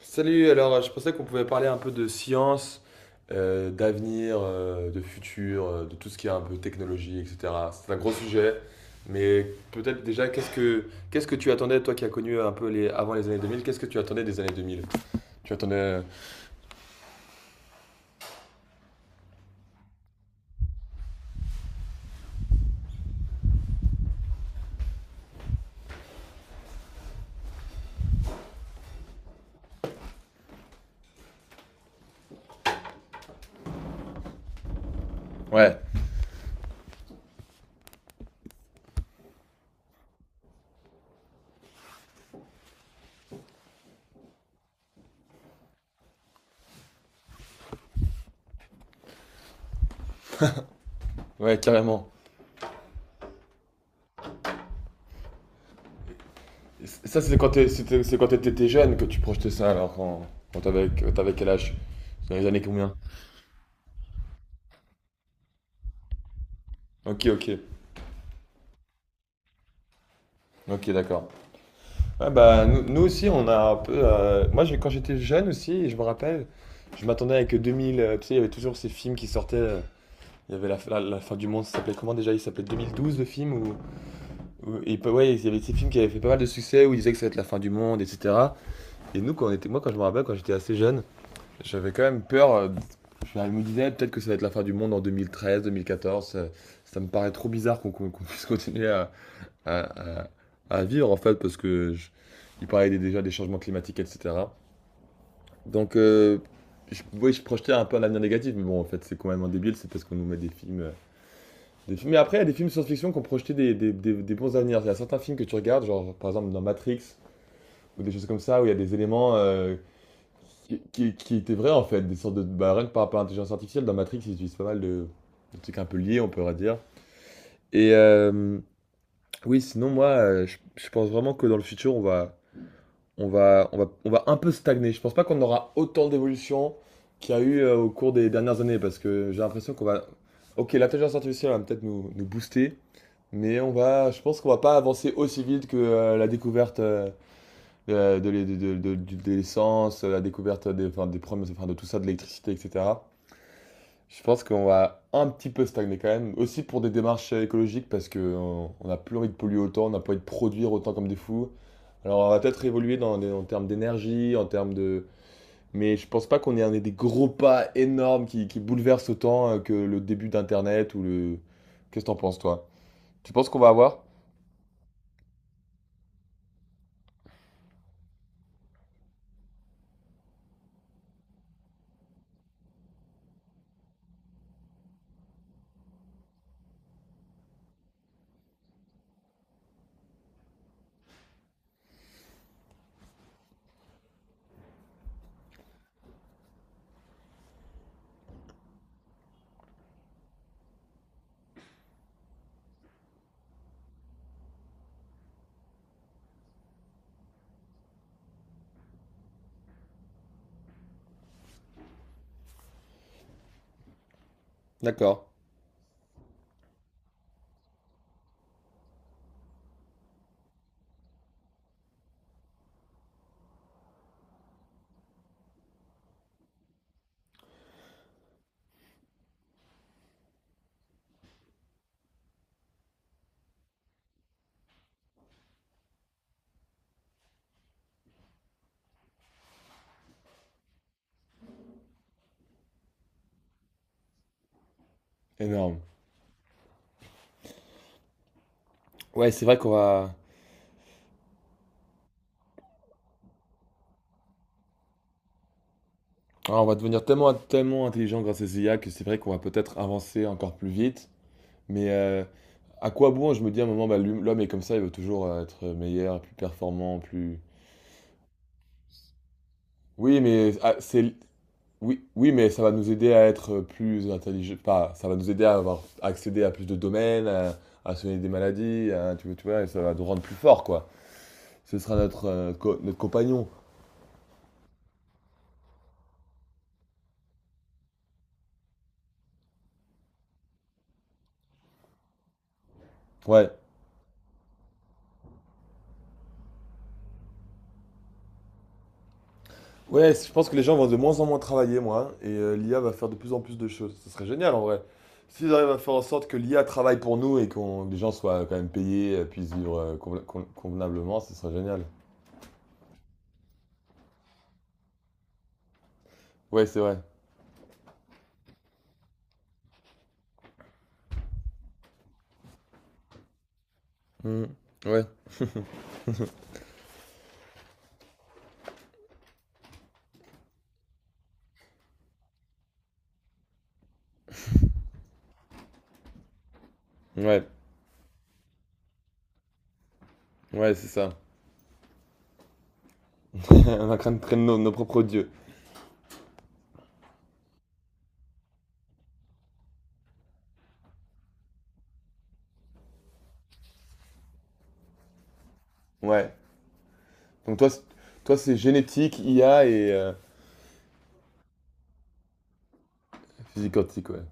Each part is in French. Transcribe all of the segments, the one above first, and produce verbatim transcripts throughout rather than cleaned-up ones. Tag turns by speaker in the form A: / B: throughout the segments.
A: Salut, alors euh, je pensais qu'on pouvait parler un peu de science, euh, d'avenir, euh, de futur, euh, de tout ce qui est un peu technologie, et cætera. C'est un gros sujet, mais peut-être déjà, qu'est-ce que, qu'est-ce que tu attendais, toi qui as connu un peu les, avant les années deux mille? Qu'est-ce que tu attendais des années deux mille? Tu attendais. Euh, Ouais, ouais, carrément. Et c- Ça, c'est quand t'es- c'était- C'est quand t'étais jeune que tu projetais ça, alors quand, quand t'avais quand t'avais quel âge? Dans les années combien? Ok, ok. Ok, d'accord. Ouais, bah, nous, nous aussi, on a un peu. Euh, moi, j'ai- quand j'étais jeune aussi, je me rappelle, je m'attendais avec deux mille. Euh, tu sais, il y avait toujours ces films qui sortaient. Euh, il y avait la, la- la fin du monde, ça s'appelait comment déjà? Il s'appelait deux mille douze le film. Où, où- et, pe- ouais, il y avait ces films qui avaient fait pas mal de succès où ils disaient que ça va être la fin du monde, et cætera. Et nous, quand on était, Moi, quand je me rappelle, quand j'étais assez jeune, j'avais quand même peur. Euh, je me disais peut-être que ça va être la fin du monde en deux mille treize, deux mille quatorze. euh, Ça, ça me paraît trop bizarre qu'on qu'on- qu'on puisse continuer à, à, à- à vivre en fait, parce que je- il parlait des- déjà des changements climatiques, et cætera. Donc, euh, je, oui, je projetais un peu un avenir négatif, mais bon, en fait, c'est complètement débile, c'est parce qu'on nous met des films, euh, des films. Mais après, il y a des films science-fiction qui ont projeté des, des- des- des bons avenirs. Il y a certains films que tu regardes, genre par exemple dans Matrix ou des choses comme ça, où il y a des éléments euh, qui, qui- qui étaient vrais en fait, des sortes de bah, rien que par rapport à l'intelligence artificielle. Dans Matrix, ils utilisent pas mal de, de trucs un peu liés, on pourrait dire. Et euh, oui, sinon moi, euh, je, je pense vraiment que dans le futur, on va on va, on va, on va un peu stagner. Je pense pas qu'on aura autant d'évolution qu'il y a eu euh, au cours des dernières années parce que j'ai l'impression qu'on va. Ok, l'intelligence artificielle va peut-être nous, nous booster, mais on va, je pense qu'on va pas avancer aussi vite que euh, la découverte euh, de, de, de, de- de- de- de l'essence, la découverte des, enfin, des problèmes, enfin, de tout ça, de l'électricité, et cætera. Je pense qu'on va un petit peu stagner quand même, aussi pour des démarches euh, écologiques parce qu'on n'a plus envie de polluer autant, on n'a pas envie de produire autant comme des fous. Alors, on va peut-être évoluer dans, des- en termes d'énergie, en termes de... Mais je pense pas qu'on ait un des gros pas énormes qui, qui bouleversent autant euh, que le début d'Internet ou le... Qu'est-ce que t'en penses, toi? Tu penses qu'on va avoir? D'accord. Énorme. Ouais, c'est vrai qu'on va... Ah, on va devenir tellement, tellement intelligent grâce à ces I A que c'est vrai qu'on va peut-être avancer encore plus vite. Mais euh, à quoi bon? Je me dis à un moment, bah, l'hum- l'homme est comme ça, il veut toujours euh, être meilleur, plus performant, plus... Oui, mais ah, c'est Oui, oui, mais ça va nous aider à être plus intelligent. Pas, ça va nous aider à avoir accédé à plus de domaines, à, à soigner des maladies, à- tu vois, tu vois, et ça va nous rendre plus forts, quoi. Ce sera notre, euh, co- notre compagnon. Ouais. Ouais, je pense que les gens vont de moins en moins travailler, moi, et euh, l'I A va faire de plus en plus de choses. Ce serait génial, en vrai. S'ils arrivent à faire en sorte que l'I A travaille pour nous et qu'on, que les gens soient quand même payés, euh, puissent vivre euh, conven- con- convenablement, ce serait génial. Ouais, c'est vrai. Mm. Ouais, ouais, ouais, c'est ça. On est en train de traîner nos, nos propres dieux. Ouais. Donc toi, c'est- toi c'est génétique, I A et euh, physique quantique, ouais.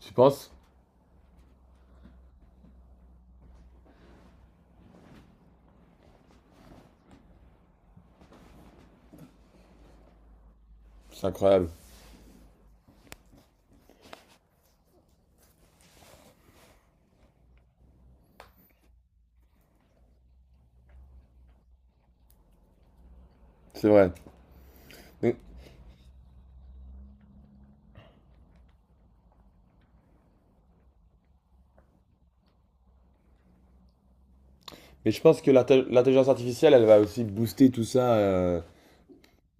A: Tu penses? C'est incroyable. C'est vrai. Mais, mais je pense que l'intel- l'intelligence artificielle, elle va aussi booster tout ça, euh,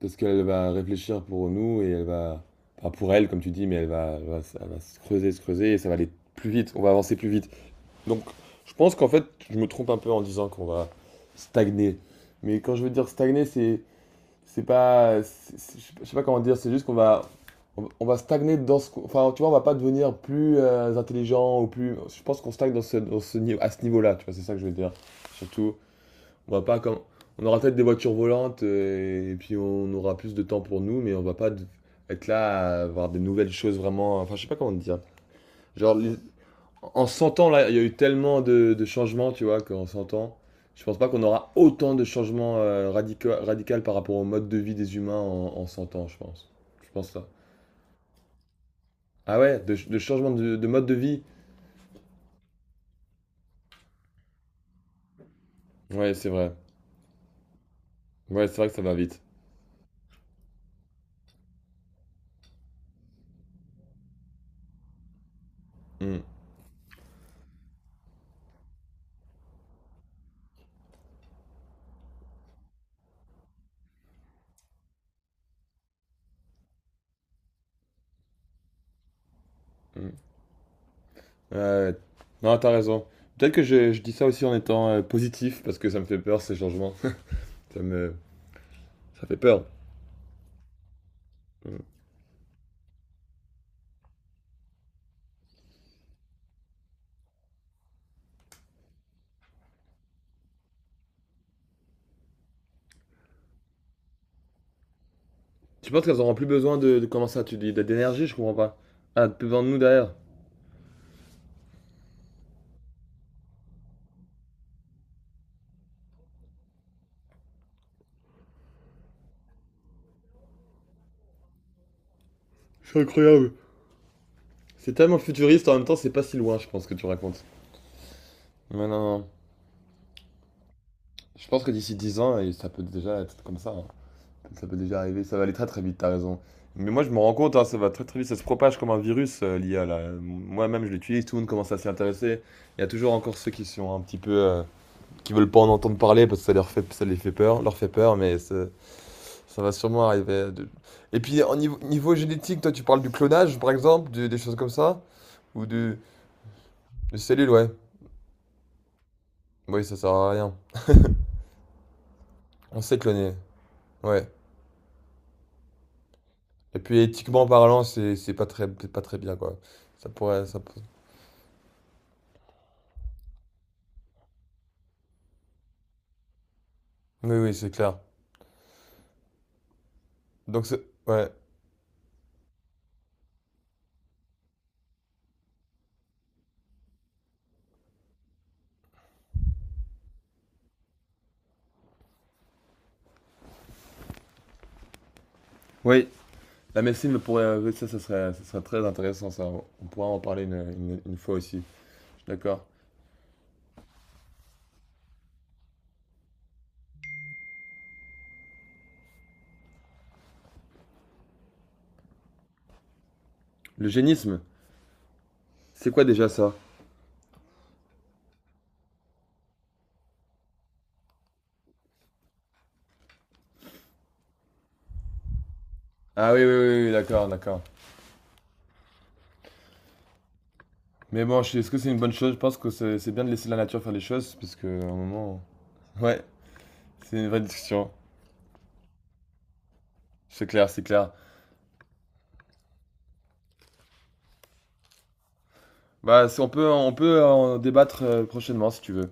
A: parce qu'elle va réfléchir pour nous et elle va... Enfin, pour elle, comme tu dis, mais elle va, elle va, elle va se creuser, se creuser et ça va aller plus vite. On va avancer plus vite. Donc, je pense qu'en fait, je me trompe un peu en disant qu'on va stagner. Mais quand je veux dire stagner, c'est c'est pas, c'est- c'est- je sais pas comment dire, c'est juste qu'on va, on, on va stagner dans ce, qu'on- enfin, tu vois, on va pas devenir plus euh, intelligent ou plus, je pense qu'on stagne dans ce, dans ce niveau, à ce niveau-là, tu vois, c'est ça que je veux dire. Surtout, on va pas comme, on aura peut-être des voitures volantes euh, et, puis on aura plus de temps pour nous, mais on va pas de- être là à voir des nouvelles choses vraiment, enfin, je sais pas comment dire. Genre, les- En cent ans, là, il y a eu tellement de, de changements, tu vois, qu'en cent ans, je pense pas qu'on aura autant de changements euh, radicaux- radicaux par rapport au mode de vie des humains en, en cent ans, je pense. Je pense ça. Ah ouais, de, de changement de, de mode de vie. Ouais, c'est vrai. Ouais, c'est vrai que ça va vite. Hmm, hmm. Ouais, ouais. Non, t'as raison. Peut-être que je, je dis ça aussi en étant euh, positif, parce que ça me fait peur, ces changements. Ça me... Ça fait peur. Hmm. Tu penses qu'elles auront plus besoin de, de comment ça, tu dis, d'énergie, je comprends pas. Ah, plus besoin de nous derrière. C'est incroyable. C'est tellement futuriste, en même temps, c'est pas si loin, je pense, que tu racontes. Mais non, non. Je pense que d'ici dix ans, et ça peut déjà être comme ça. Hein. Ça peut déjà arriver. Ça va aller très très vite, t'as raison. Mais moi, je me rends compte, hein, ça va très très vite. Ça se propage comme un virus, euh, l'I A, là. Euh, Moi-même, je l'utilise, tout le monde commence à s'y intéresser. Il y a toujours encore ceux qui sont un petit peu. Euh, qui veulent pas en entendre parler parce que ça leur fait, ça les fait peur, leur fait peur, mais ça, ça va sûrement arriver. euh, de- Et puis, au niveau, niveau génétique, toi, tu parles du clonage, par exemple, du- des choses comme ça? Ou de, de cellules, ouais. Oui, ça sert à rien. On sait cloner, ouais. Et puis éthiquement parlant, c'est c'est pas très c'est pas très bien quoi. Ça pourrait ça pour- Oui, oui, c'est clair. Donc c'est Ouais. Oui, la médecine me pourrait. euh, Ça, ça serait, ça serait très intéressant, ça. On pourra en parler une, une- une fois aussi. Je suis d'accord. Le génisme, c'est quoi déjà ça? Ah oui, oui, oui, oui, d'accord, d'accord. Mais bon, je- est-ce que c'est une bonne chose? Je pense que c'est c'est bien de laisser la nature faire les choses, parce que à un moment. Ouais, c'est une vraie discussion. C'est clair, c'est clair. Bah, c'est- on peut, on peut en débattre euh, prochainement si tu veux.